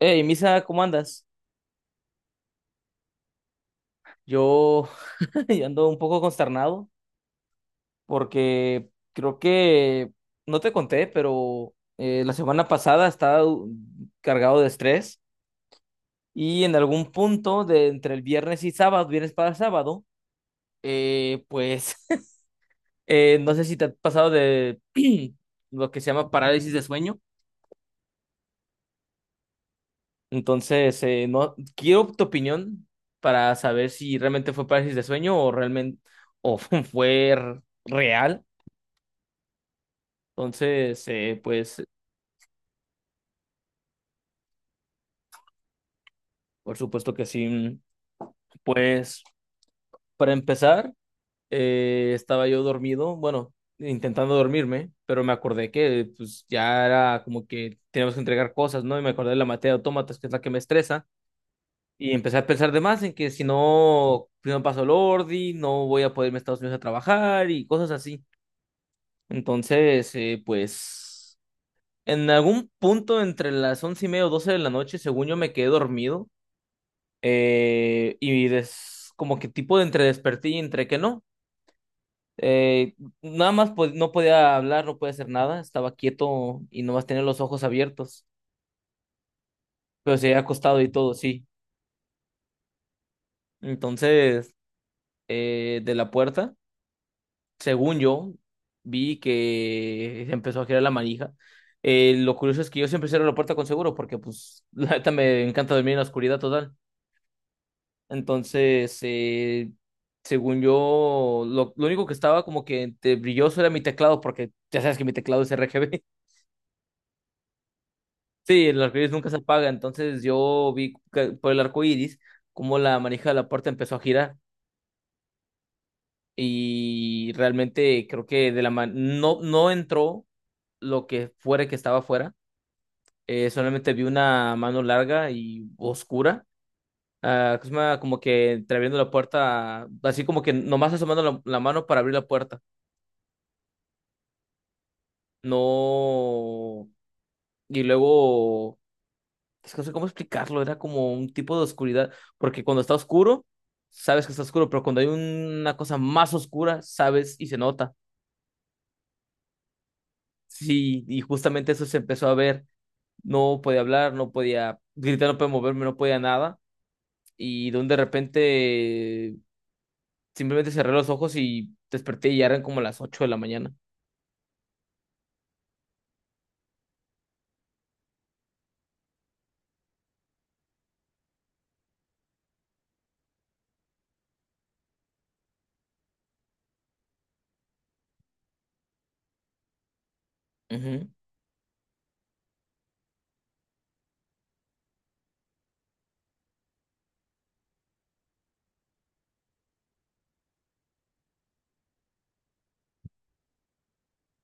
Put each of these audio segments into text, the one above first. Hey, Misa, ¿cómo andas? Yo yo ando un poco consternado porque creo que no te conté, pero la semana pasada estaba cargado de estrés y en algún punto de entre el viernes y sábado, viernes para sábado, pues no sé si te ha pasado de lo que se llama parálisis de sueño. Entonces, no quiero tu opinión para saber si realmente fue parálisis de sueño o realmente o fue real. Entonces, pues, por supuesto que sí. Pues, para empezar, estaba yo dormido, bueno, intentando dormirme, pero me acordé que pues ya era como que teníamos que entregar cosas, ¿no? Y me acordé de la materia de autómatas, que es la que me estresa, y empecé a pensar de más en que si no, si no paso el ordi, no voy a poder irme a Estados Unidos a trabajar y cosas así. Entonces, pues, en algún punto entre las 11:30 o 12 de la noche, según yo me quedé dormido. Y como que tipo de entre desperté y entre que no. Eh, Nada más pues, no podía hablar, no podía hacer nada, estaba quieto y nomás tenía los ojos abiertos, pero se había acostado y todo, sí. Entonces, de la puerta, según yo, vi que se empezó a girar la manija. Lo curioso es que yo siempre cierro la puerta con seguro porque pues la neta me encanta dormir en la oscuridad total. Entonces, según yo, lo único que estaba como que entre brilloso era mi teclado, porque ya sabes que mi teclado es RGB. Sí, el arco iris nunca se apaga. Entonces, yo vi que por el arco iris cómo la manija de la puerta empezó a girar. Y realmente creo que de la man no, no entró lo que fuera que estaba afuera. Solamente vi una mano larga y oscura. Ah, que se llama como que entreabriendo la puerta, así como que nomás asomando la mano para abrir la puerta. No. Y luego, es que no sé cómo explicarlo, era como un tipo de oscuridad, porque cuando está oscuro, sabes que está oscuro, pero cuando hay una cosa más oscura, sabes y se nota. Sí, y justamente eso se empezó a ver. No podía hablar, no podía gritar, no podía moverme, no podía nada. Y de repente, simplemente cerré los ojos y desperté y ya eran como las 8 de la mañana. Ujú,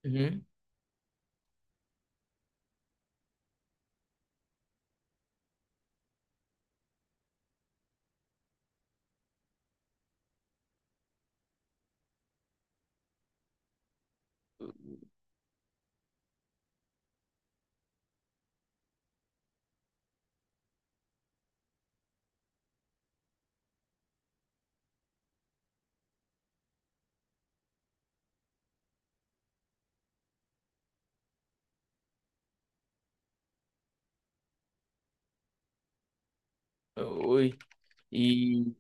ujú. Uy, y,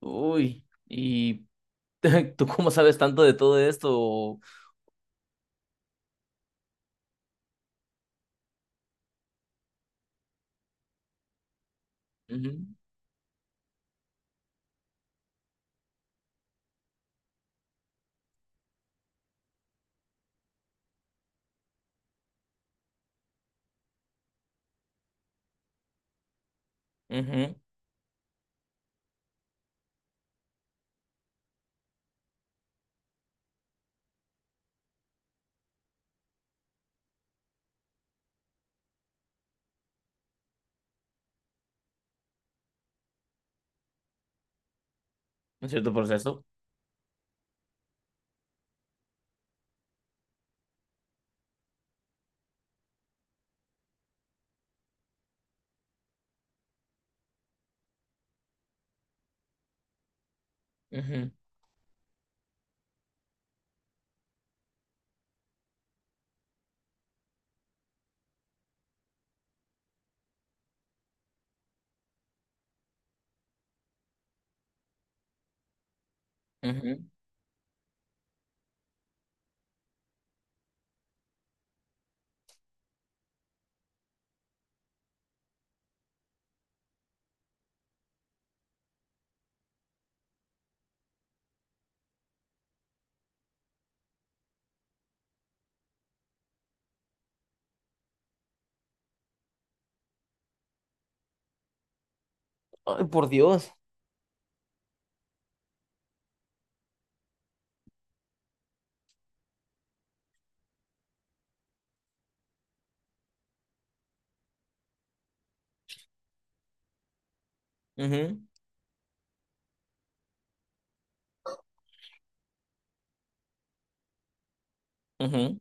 uy, y ¿Tú cómo sabes tanto de todo esto? Ujú, ujú, un cierto proceso. Ujú, ujú. Ay, por Dios. Ujú, ujú.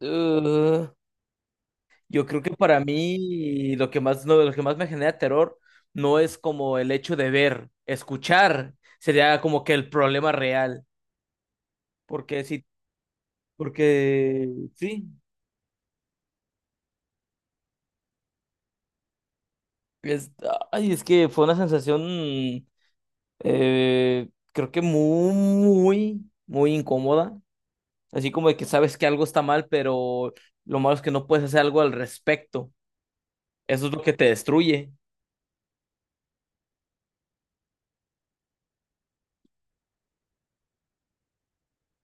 Uh, yo creo que para mí lo que más me genera terror no es como el hecho de ver, escuchar, sería como que el problema real. Porque sí, porque sí, es, ay, es que fue una sensación, creo que muy, muy, muy incómoda. Así como de que sabes que algo está mal, pero lo malo es que no puedes hacer algo al respecto. Eso es lo que te destruye.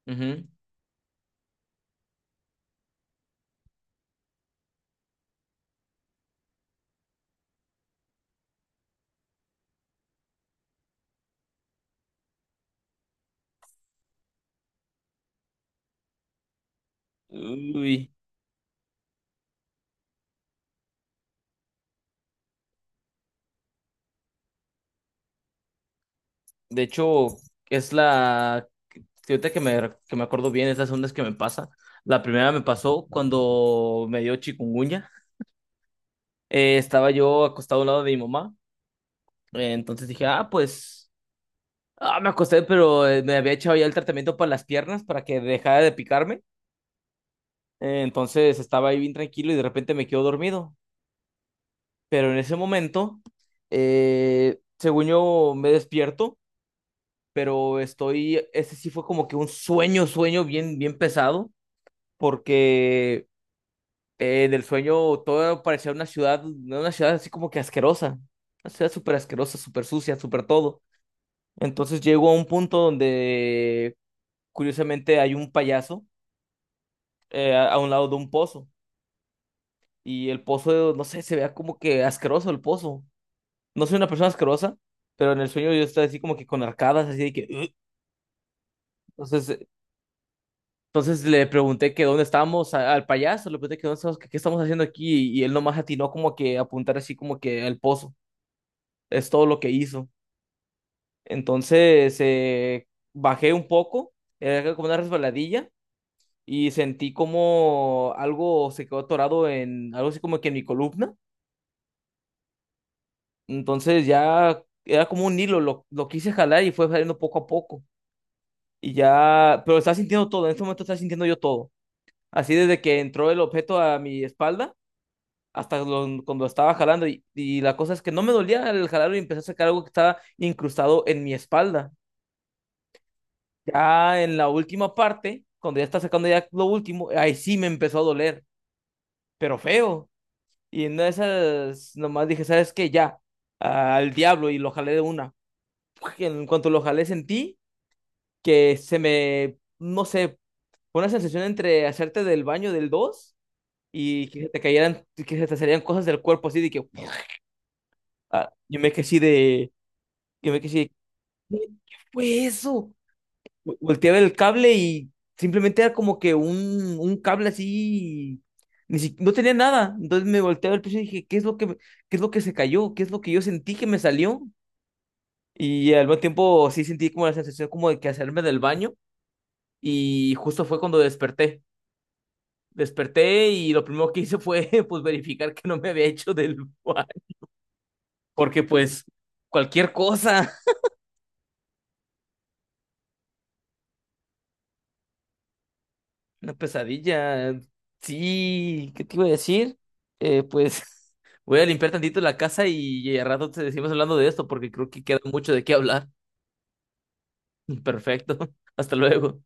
Ujú. Uy. De hecho, es la... que ahorita que me acuerdo bien, es la segunda vez que me pasa. La primera me pasó cuando me dio chikungunya. Estaba yo acostado al lado de mi mamá. Entonces dije, ah, pues... Ah, me acosté, pero me había echado ya el tratamiento para las piernas para que dejara de picarme. Entonces estaba ahí bien tranquilo y de repente me quedo dormido. Pero en ese momento, según yo me despierto, pero estoy, ese sí fue como que un sueño, sueño bien, bien pesado, porque en el sueño todo parecía una ciudad así como que asquerosa, una ciudad súper asquerosa, súper sucia, súper todo. Entonces llego a un punto donde, curiosamente, hay un payaso a un lado de un pozo, y el pozo, no sé, se vea como que asqueroso el pozo. No soy una persona asquerosa, pero en el sueño yo estaba así como que con arcadas, así de que... "Ugh". Entonces, eh, entonces, le pregunté que dónde estábamos al payaso, le pregunté que dónde estamos, que qué estamos haciendo aquí y, él nomás atinó como que a apuntar así como que al pozo. Es todo lo que hizo. Entonces bajé un poco, era como una resbaladilla y sentí como algo se quedó atorado en algo así como que en mi columna. Entonces ya era como un hilo, lo quise jalar y fue saliendo poco a poco. Y ya, pero estaba sintiendo todo, en este momento estaba sintiendo yo todo. Así desde que entró el objeto a mi espalda hasta cuando estaba jalando. Y la cosa es que no me dolía el jalarlo y empecé a sacar algo que estaba incrustado en mi espalda. Ya en la última parte, cuando ya está sacando ya lo último, ahí sí me empezó a doler, pero feo. Y en una de esas nomás dije, ¿sabes qué? Ya, al diablo y lo jalé de una. En cuanto lo jalé sentí que se me, no sé, fue una sensación entre hacerte del baño del 2 y que se te cayeran, que se te salieran cosas del cuerpo así de que ah, yo me quedé así de, yo me quedé así de, ¿qué fue eso? Volteé a ver el cable y simplemente era como que un cable así, ni si- no tenía nada, entonces me volteé a ver el piso y dije, ¿qué es lo que, qué es lo que se cayó? ¿Qué es lo que yo sentí que me salió? Y al mismo tiempo sí sentí como la sensación como de que hacerme del baño y justo fue cuando desperté. Desperté y lo primero que hice fue pues verificar que no me había hecho del. Porque pues cualquier cosa. Una pesadilla. Sí, ¿qué te iba a decir? Pues voy a limpiar tantito la casa y al rato te seguimos hablando de esto porque creo que queda mucho de qué hablar. Perfecto. Hasta luego.